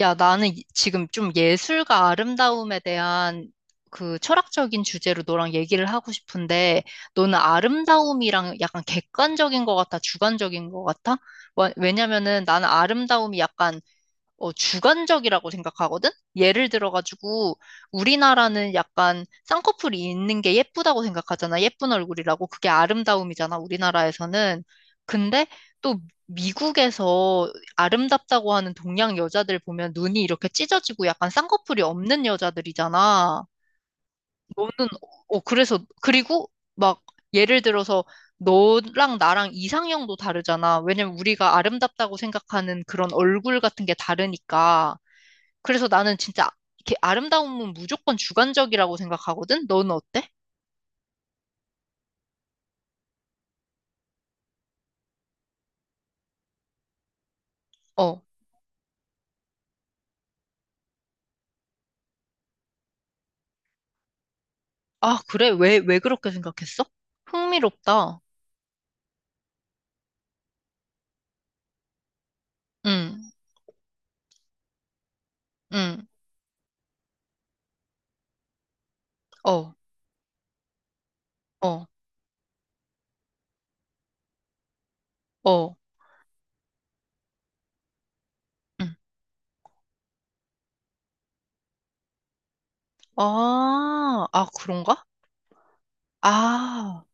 야, 나는 지금 좀 예술과 아름다움에 대한 그 철학적인 주제로 너랑 얘기를 하고 싶은데, 너는 아름다움이랑 약간 객관적인 것 같아, 주관적인 것 같아? 왜냐면은 나는 아름다움이 약간 주관적이라고 생각하거든? 예를 들어가지고, 우리나라는 약간 쌍꺼풀이 있는 게 예쁘다고 생각하잖아. 예쁜 얼굴이라고. 그게 아름다움이잖아, 우리나라에서는. 근데 또 미국에서 아름답다고 하는 동양 여자들 보면 눈이 이렇게 찢어지고 약간 쌍꺼풀이 없는 여자들이잖아. 너는, 그래서, 그리고 막 예를 들어서 너랑 나랑 이상형도 다르잖아. 왜냐면 우리가 아름답다고 생각하는 그런 얼굴 같은 게 다르니까. 그래서 나는 진짜 이렇게 아름다움은 무조건 주관적이라고 생각하거든? 너는 어때? 어. 아, 그래? 왜, 왜 그렇게 생각했어? 흥미롭다. 응, 응, 어, 어, 어, 응. 아, 아, 그런가? 아,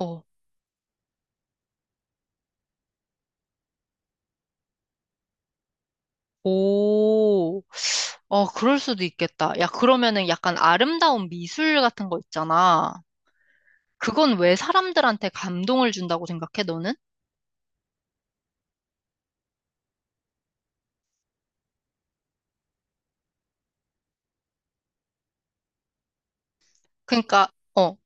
어, 오. 어, 그럴 수도 있겠다. 야, 그러면은 약간 아름다운 미술 같은 거 있잖아. 그건 왜 사람들한테 감동을 준다고 생각해, 너는? 그러니까, 어.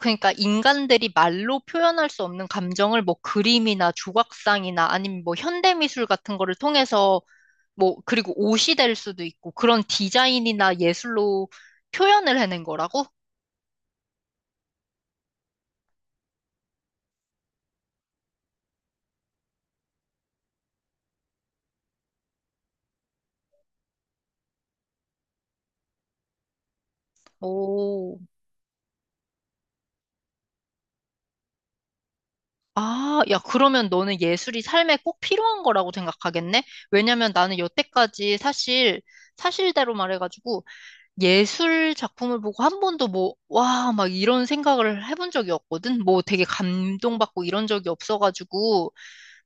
그러니까 인간들이 말로 표현할 수 없는 감정을 뭐 그림이나 조각상이나 아니면 뭐 현대미술 같은 거를 통해서 뭐 그리고 옷이 될 수도 있고 그런 디자인이나 예술로 표현을 해낸 거라고? 오. 아, 야, 그러면 너는 예술이 삶에 꼭 필요한 거라고 생각하겠네? 왜냐면 나는 여태까지 사실, 사실대로 말해가지고 예술 작품을 보고 한 번도 뭐, 와, 막 이런 생각을 해본 적이 없거든? 뭐 되게 감동받고 이런 적이 없어가지고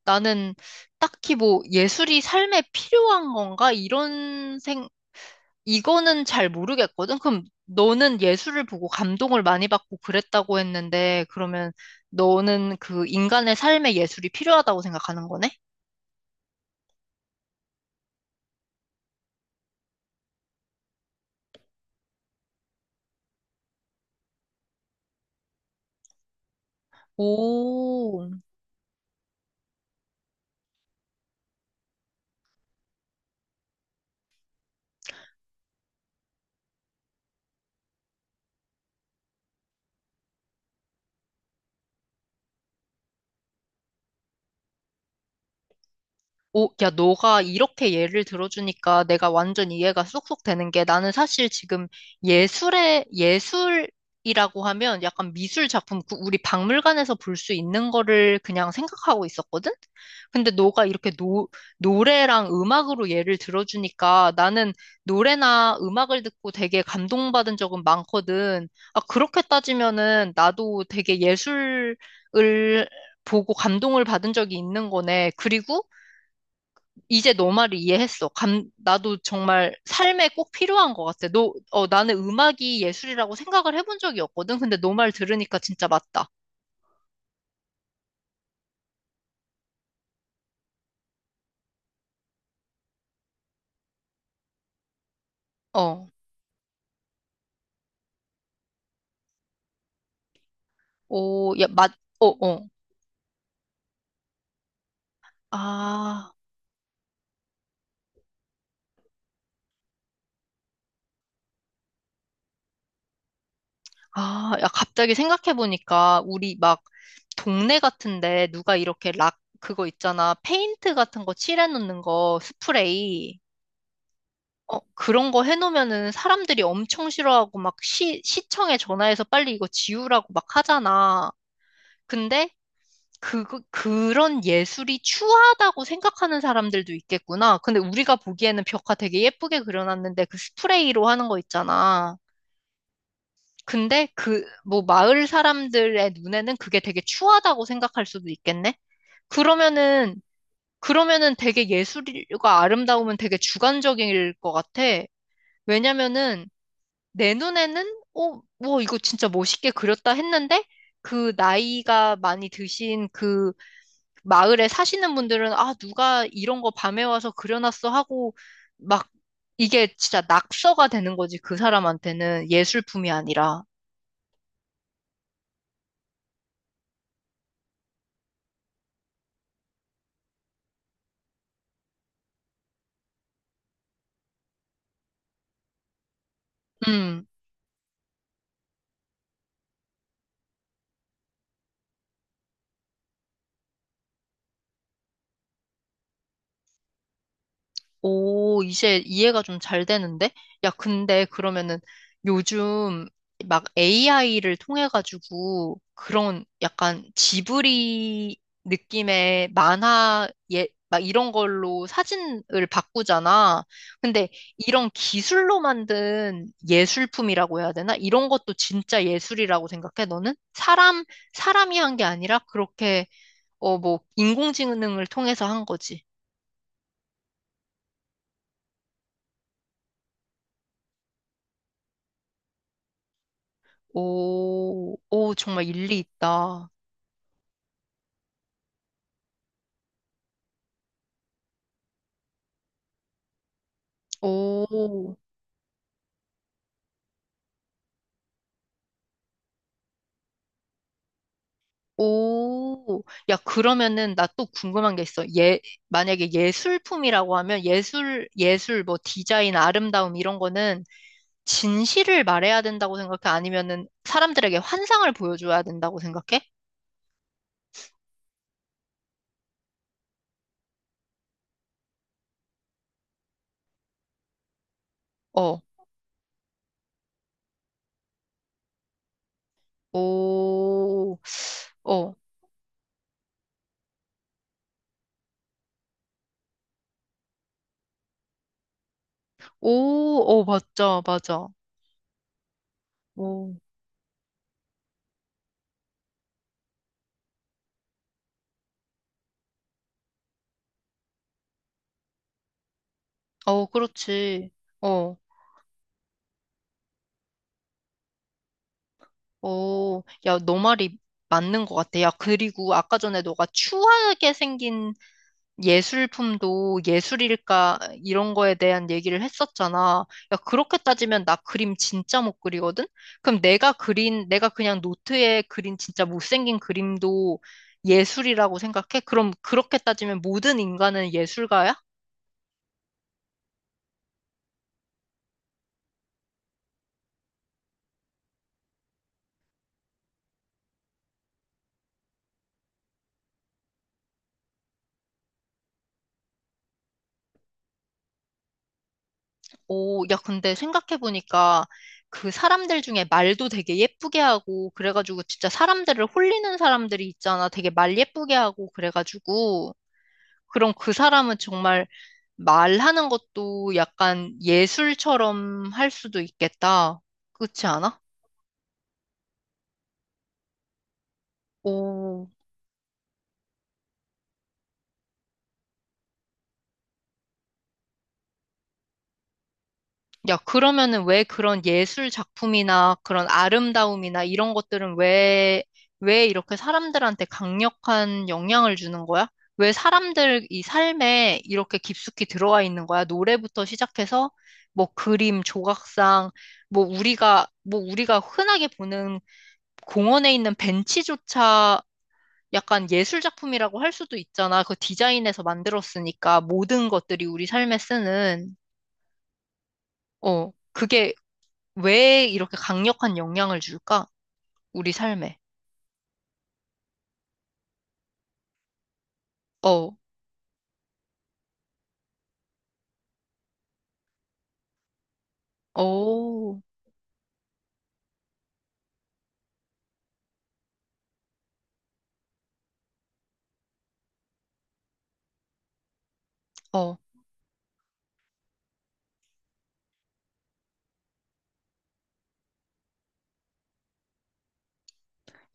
나는 딱히 뭐 예술이 삶에 필요한 건가? 이거는 잘 모르겠거든? 그럼 너는 예술을 보고 감동을 많이 받고 그랬다고 했는데 그러면 너는 그 인간의 삶에 예술이 필요하다고 생각하는 거네? 오. 오, 야, 너가 이렇게 예를 들어주니까 내가 완전 이해가 쏙쏙 되는 게 나는 사실 지금 예술의, 예술이라고 하면 약간 미술 작품, 그 우리 박물관에서 볼 수 있는 거를 그냥 생각하고 있었거든? 근데 너가 이렇게 노래랑 음악으로 예를 들어주니까 나는 노래나 음악을 듣고 되게 감동받은 적은 많거든. 아, 그렇게 따지면은 나도 되게 예술을 보고 감동을 받은 적이 있는 거네. 그리고 이제 너 말을 이해했어. 나도 정말 삶에 꼭 필요한 것 같아. 너, 어, 나는 음악이 예술이라고 생각을 해본 적이 없거든. 근데 너 말 들으니까 진짜 맞다. 어, 오, 야, 어, 어. 아, 아, 야, 갑자기 생각해보니까 우리 막 동네 같은데 누가 이렇게 락, 그거 있잖아. 페인트 같은 거 칠해놓는 거, 스프레이. 어, 그런 거 해놓으면은 사람들이 엄청 싫어하고 막 시청에 전화해서 빨리 이거 지우라고 막 하잖아. 근데 그, 그런 예술이 추하다고 생각하는 사람들도 있겠구나. 근데 우리가 보기에는 벽화 되게 예쁘게 그려놨는데 그 스프레이로 하는 거 있잖아. 근데 그, 뭐, 마을 사람들의 눈에는 그게 되게 추하다고 생각할 수도 있겠네? 그러면은, 그러면은 되게 예술과 아름다움은 되게 주관적일 것 같아. 왜냐면은 내 눈에는, 어, 뭐, 이거 진짜 멋있게 그렸다 했는데 그 나이가 많이 드신 그 마을에 사시는 분들은 아, 누가 이런 거 밤에 와서 그려놨어 하고 막 이게 진짜 낙서가 되는 거지. 그 사람한테는 예술품이 아니라. 음. 오, 이제 이해가 좀 잘 되는데? 야, 근데 그러면은 요즘 막 AI를 통해가지고 그런 약간 지브리 느낌의 만화, 예, 막 이런 걸로 사진을 바꾸잖아. 근데 이런 기술로 만든 예술품이라고 해야 되나? 이런 것도 진짜 예술이라고 생각해, 너는? 사람, 사람이 한 게 아니라 그렇게, 어, 뭐, 인공지능을 통해서 한 거지. 오, 오, 정말 일리 있다. 오, 오. 야, 그러면은 나 또 궁금한 게 있어. 예, 만약에 예술품이라고 하면 예술, 예술, 뭐 디자인, 아름다움 이런 거는 진실을 말해야 된다고 생각해? 아니면은 사람들에게 환상을 보여줘야 된다고 생각해? 어, 오, 어, 오, 어, 맞아, 맞아. 오, 어, 그렇지. 어, 오, 야, 너 말이 맞는 것 같아. 야, 그리고 아까 전에 너가 추하게 생긴 예술품도 예술일까 이런 거에 대한 얘기를 했었잖아. 야, 그렇게 따지면 나 그림 진짜 못 그리거든? 그럼 내가 그린, 내가 그냥 노트에 그린 진짜 못생긴 그림도 예술이라고 생각해? 그럼 그렇게 따지면 모든 인간은 예술가야? 오, 야, 근데 생각해보니까 그 사람들 중에 말도 되게 예쁘게 하고, 그래가지고 진짜 사람들을 홀리는 사람들이 있잖아. 되게 말 예쁘게 하고, 그래가지고. 그럼 그 사람은 정말 말하는 것도 약간 예술처럼 할 수도 있겠다. 그렇지 않아? 오, 야, 그러면은 왜 그런 예술 작품이나 그런 아름다움이나 이런 것들은 왜, 왜 이렇게 사람들한테 강력한 영향을 주는 거야? 왜 사람들 이 삶에 이렇게 깊숙이 들어와 있는 거야? 노래부터 시작해서 뭐 그림, 조각상, 뭐 우리가, 뭐 우리가 흔하게 보는 공원에 있는 벤치조차 약간 예술 작품이라고 할 수도 있잖아. 그 디자인에서 만들었으니까 모든 것들이 우리 삶에 쓰는, 그게 왜 이렇게 강력한 영향을 줄까? 우리 삶에. 어, 오, 어.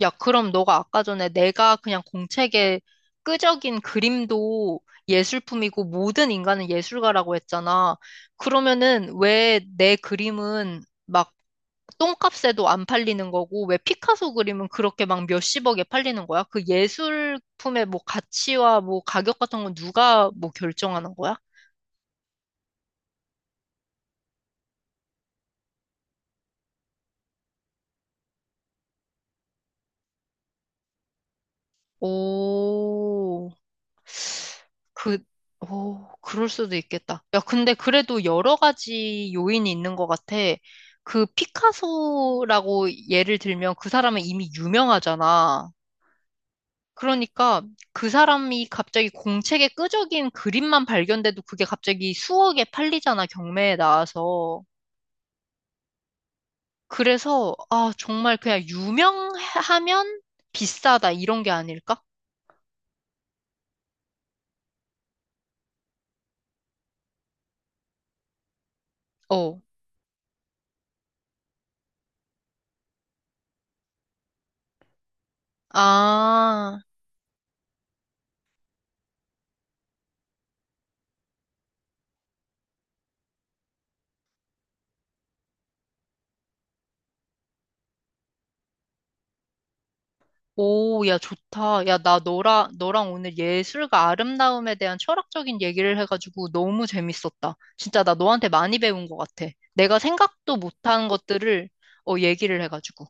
야, 그럼 너가 아까 전에 내가 그냥 공책에 끄적인 그림도 예술품이고 모든 인간은 예술가라고 했잖아. 그러면은 왜 내 그림은 막 똥값에도 안 팔리는 거고 왜 피카소 그림은 그렇게 막 몇십억에 팔리는 거야? 그 예술품의 뭐 가치와 뭐 가격 같은 건 누가 뭐 결정하는 거야? 오, 그, 오, 그럴 수도 있겠다. 야, 근데 그래도 여러 가지 요인이 있는 것 같아. 그 피카소라고 예를 들면 그 사람은 이미 유명하잖아. 그러니까 그 사람이 갑자기 공책에 끄적인 그림만 발견돼도 그게 갑자기 수억에 팔리잖아, 경매에 나와서. 그래서, 아, 정말 그냥 유명하면 비싸다, 이런 게 아닐까? 어. 아. 오, 야, 좋다. 야, 나 너랑, 너랑 오늘 예술과 아름다움에 대한 철학적인 얘기를 해가지고 너무 재밌었다. 진짜 나 너한테 많이 배운 것 같아. 내가 생각도 못한 것들을, 어, 얘기를 해가지고.